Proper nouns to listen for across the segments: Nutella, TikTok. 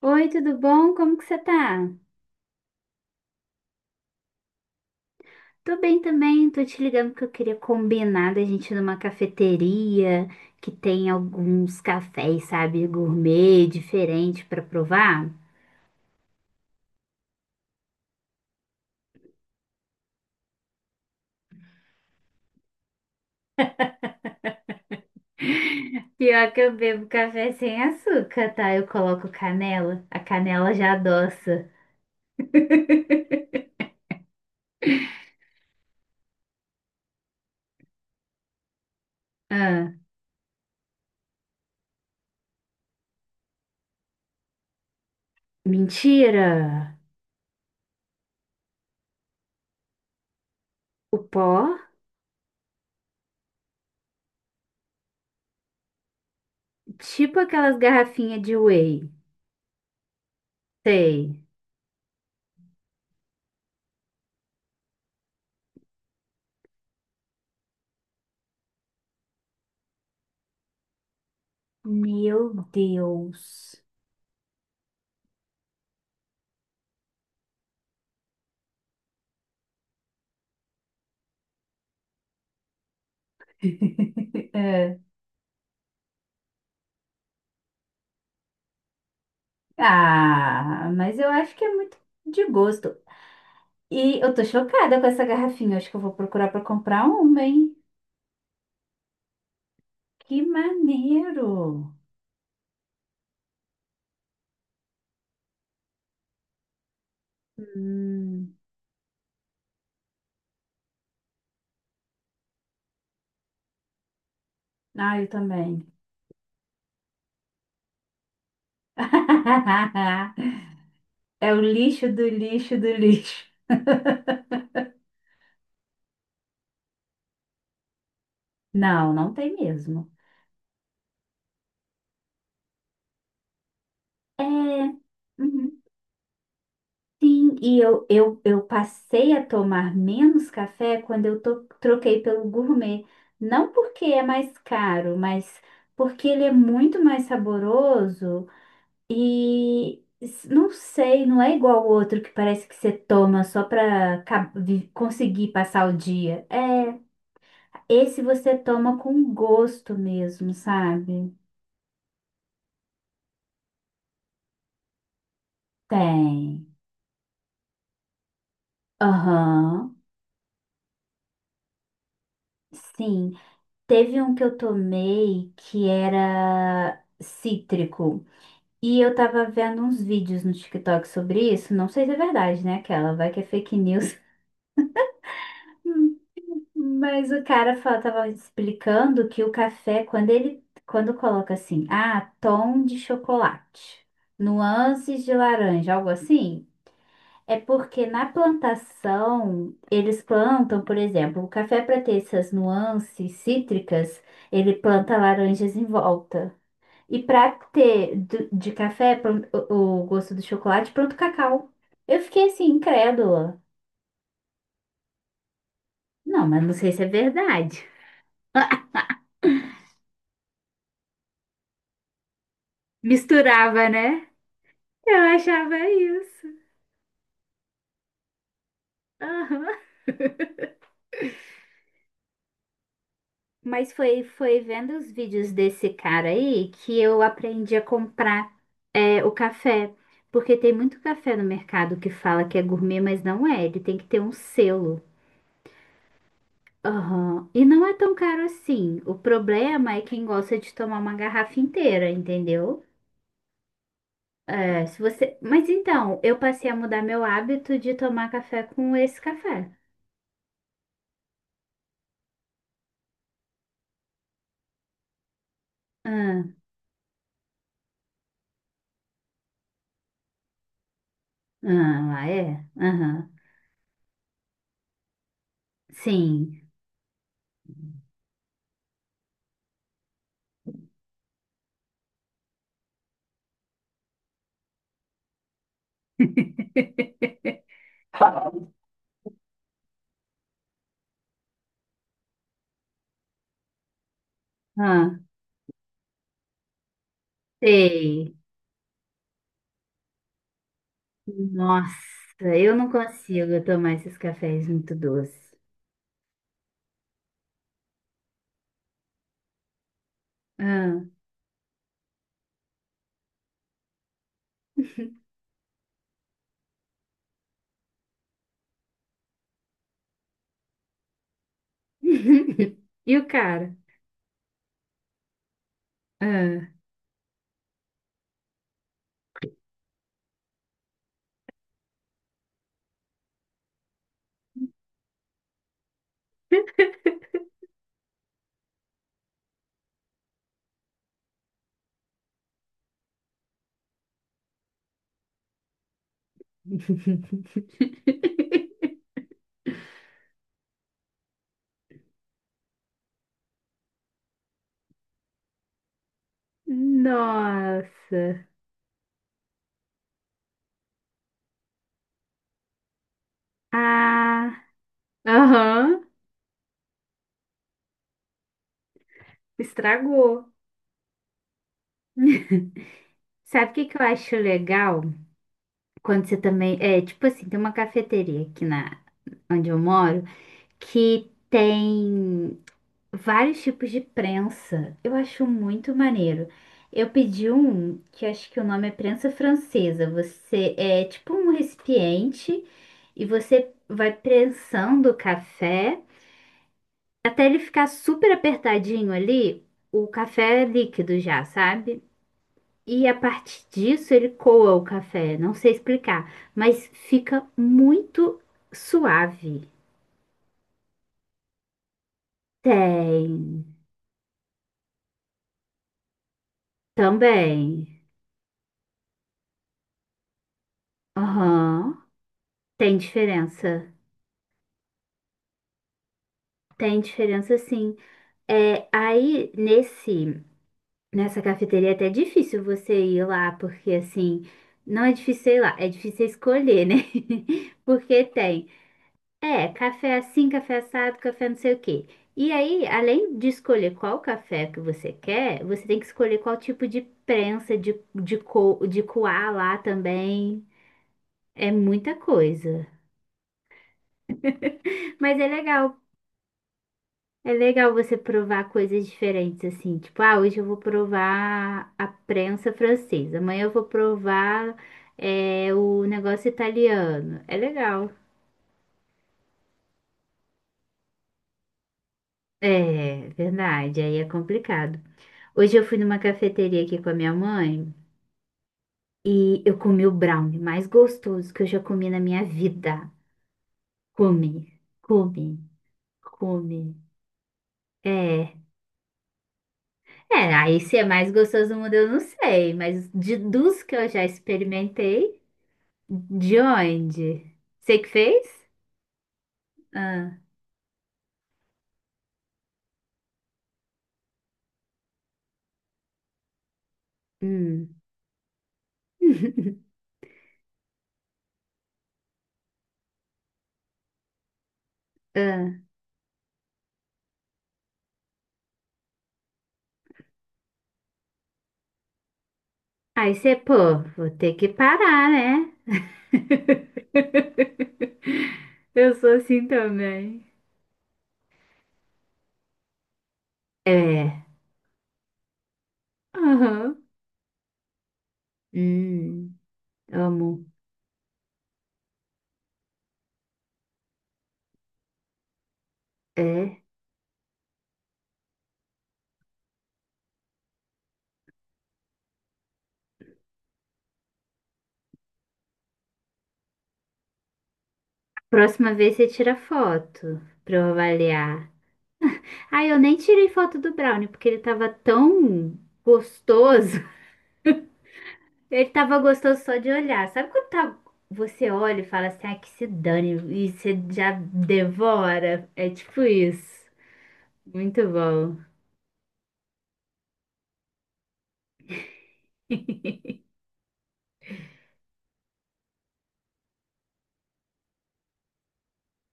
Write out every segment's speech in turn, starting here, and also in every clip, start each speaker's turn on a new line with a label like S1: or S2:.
S1: Oi, tudo bom? Como que você tá? Tô bem também, tô te ligando porque eu queria combinar da gente ir numa cafeteria que tem alguns cafés, sabe, gourmet, diferente pra provar. Pior que eu bebo café sem açúcar, tá? Eu coloco canela, a canela já adoça. Ah, mentira! O pó? Tipo aquelas garrafinhas de whey. Sei. Meu Deus. Ah, mas eu acho que é muito de gosto. E eu tô chocada com essa garrafinha. Acho que eu vou procurar pra comprar uma, hein? Que maneiro! Hum. Ah, eu também. É o lixo do lixo do lixo. Não, não tem mesmo. É, uhum, sim, e eu passei a tomar menos café quando troquei pelo gourmet. Não porque é mais caro, mas porque ele é muito mais saboroso. E não sei, não é igual o outro que parece que você toma só pra conseguir passar o dia. É, esse você toma com gosto mesmo, sabe? Tem. Aham. Sim. Teve um que eu tomei que era cítrico. E eu tava vendo uns vídeos no TikTok sobre isso. Não sei se é verdade, né? Aquela, vai que é fake news. Hum, Mas o cara tava explicando que o café, quando ele, quando coloca assim, ah, tom de chocolate, nuances de laranja, algo assim, é porque na plantação eles plantam, por exemplo, o café para ter essas nuances cítricas, ele planta laranjas em volta. E para ter o gosto do chocolate, planta o cacau. Eu fiquei assim, incrédula. Não, mas não sei se é verdade. Misturava, né? Eu achava isso. Aham. Mas foi, foi vendo os vídeos desse cara aí que eu aprendi a comprar o café. Porque tem muito café no mercado que fala que é gourmet, mas não é. Ele tem que ter um selo. Aham. E não é tão caro assim. O problema é quem gosta de tomar uma garrafa inteira, entendeu? É, se você... Mas então, eu passei a mudar meu hábito de tomar café com esse café. Ah, ah, lá é? Aham. Sim. Ah, sei. Nossa, eu não consigo tomar esses cafés muito doces. Ah. E o cara? Ah. Nossa. Ah, aham, estragou. Sabe o que que eu acho legal? Quando você também. É, tipo assim, tem uma cafeteria aqui na onde eu moro que tem vários tipos de prensa. Eu acho muito maneiro. Eu pedi um que eu acho que o nome é prensa francesa. Você é tipo um recipiente e você vai prensando o café até ele ficar super apertadinho ali, o café é líquido já, sabe? E a partir disso ele coa o café, não sei explicar, mas fica muito suave. Tem, também. Aham, tem diferença. Tem diferença sim. É, aí nesse nessa cafeteria é até difícil você ir lá, porque assim, não é difícil ir lá, é difícil escolher, né? Porque tem, é, café assim, café assado, café não sei o quê. E aí, além de escolher qual café que você quer, você tem que escolher qual tipo de prensa de coar lá também. É muita coisa. Mas é legal É legal você provar coisas diferentes, assim. Tipo, ah, hoje eu vou provar a prensa francesa, amanhã eu vou provar o negócio italiano. É legal. É, verdade, aí é complicado. Hoje eu fui numa cafeteria aqui com a minha mãe e eu comi o brownie mais gostoso que eu já comi na minha vida. Come, come, come. É, é, aí se é mais gostoso do mundo eu não sei, mas de, dos que eu já experimentei. De onde? Você que fez? Ah, hum. Ah. Aí você, pô, vou ter que parar, né? Eu sou assim também. É. Aham. Hum, amo. É. Próxima vez você tira foto pra eu avaliar. Ah, eu nem tirei foto do brownie porque ele tava tão gostoso. Ele tava gostoso só de olhar. Sabe quando tá- você olha e fala assim, ah, que se dane, e você já devora? É tipo isso. Muito bom.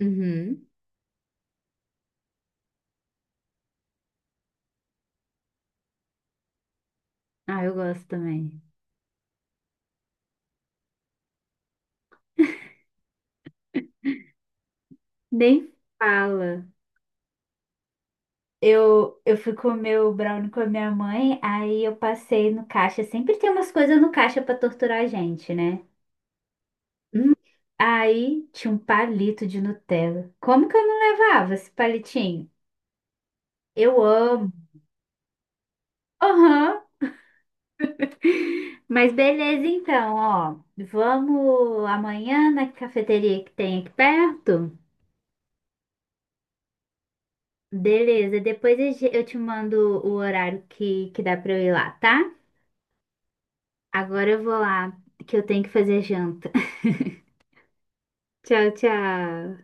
S1: Uhum. Ah, eu gosto também. Nem fala. Eu fui comer o brownie com a minha mãe, aí eu passei no caixa. Sempre tem umas coisas no caixa pra torturar a gente, né? Hum. Aí tinha um palito de Nutella. Como que eu não levava esse palitinho? Eu amo. Aham. Mas beleza, então, ó. Vamos amanhã na cafeteria que tem aqui perto? Beleza, depois eu te mando o horário que dá pra eu ir lá, tá? Agora eu vou lá, que eu tenho que fazer janta. Tchau, tchau.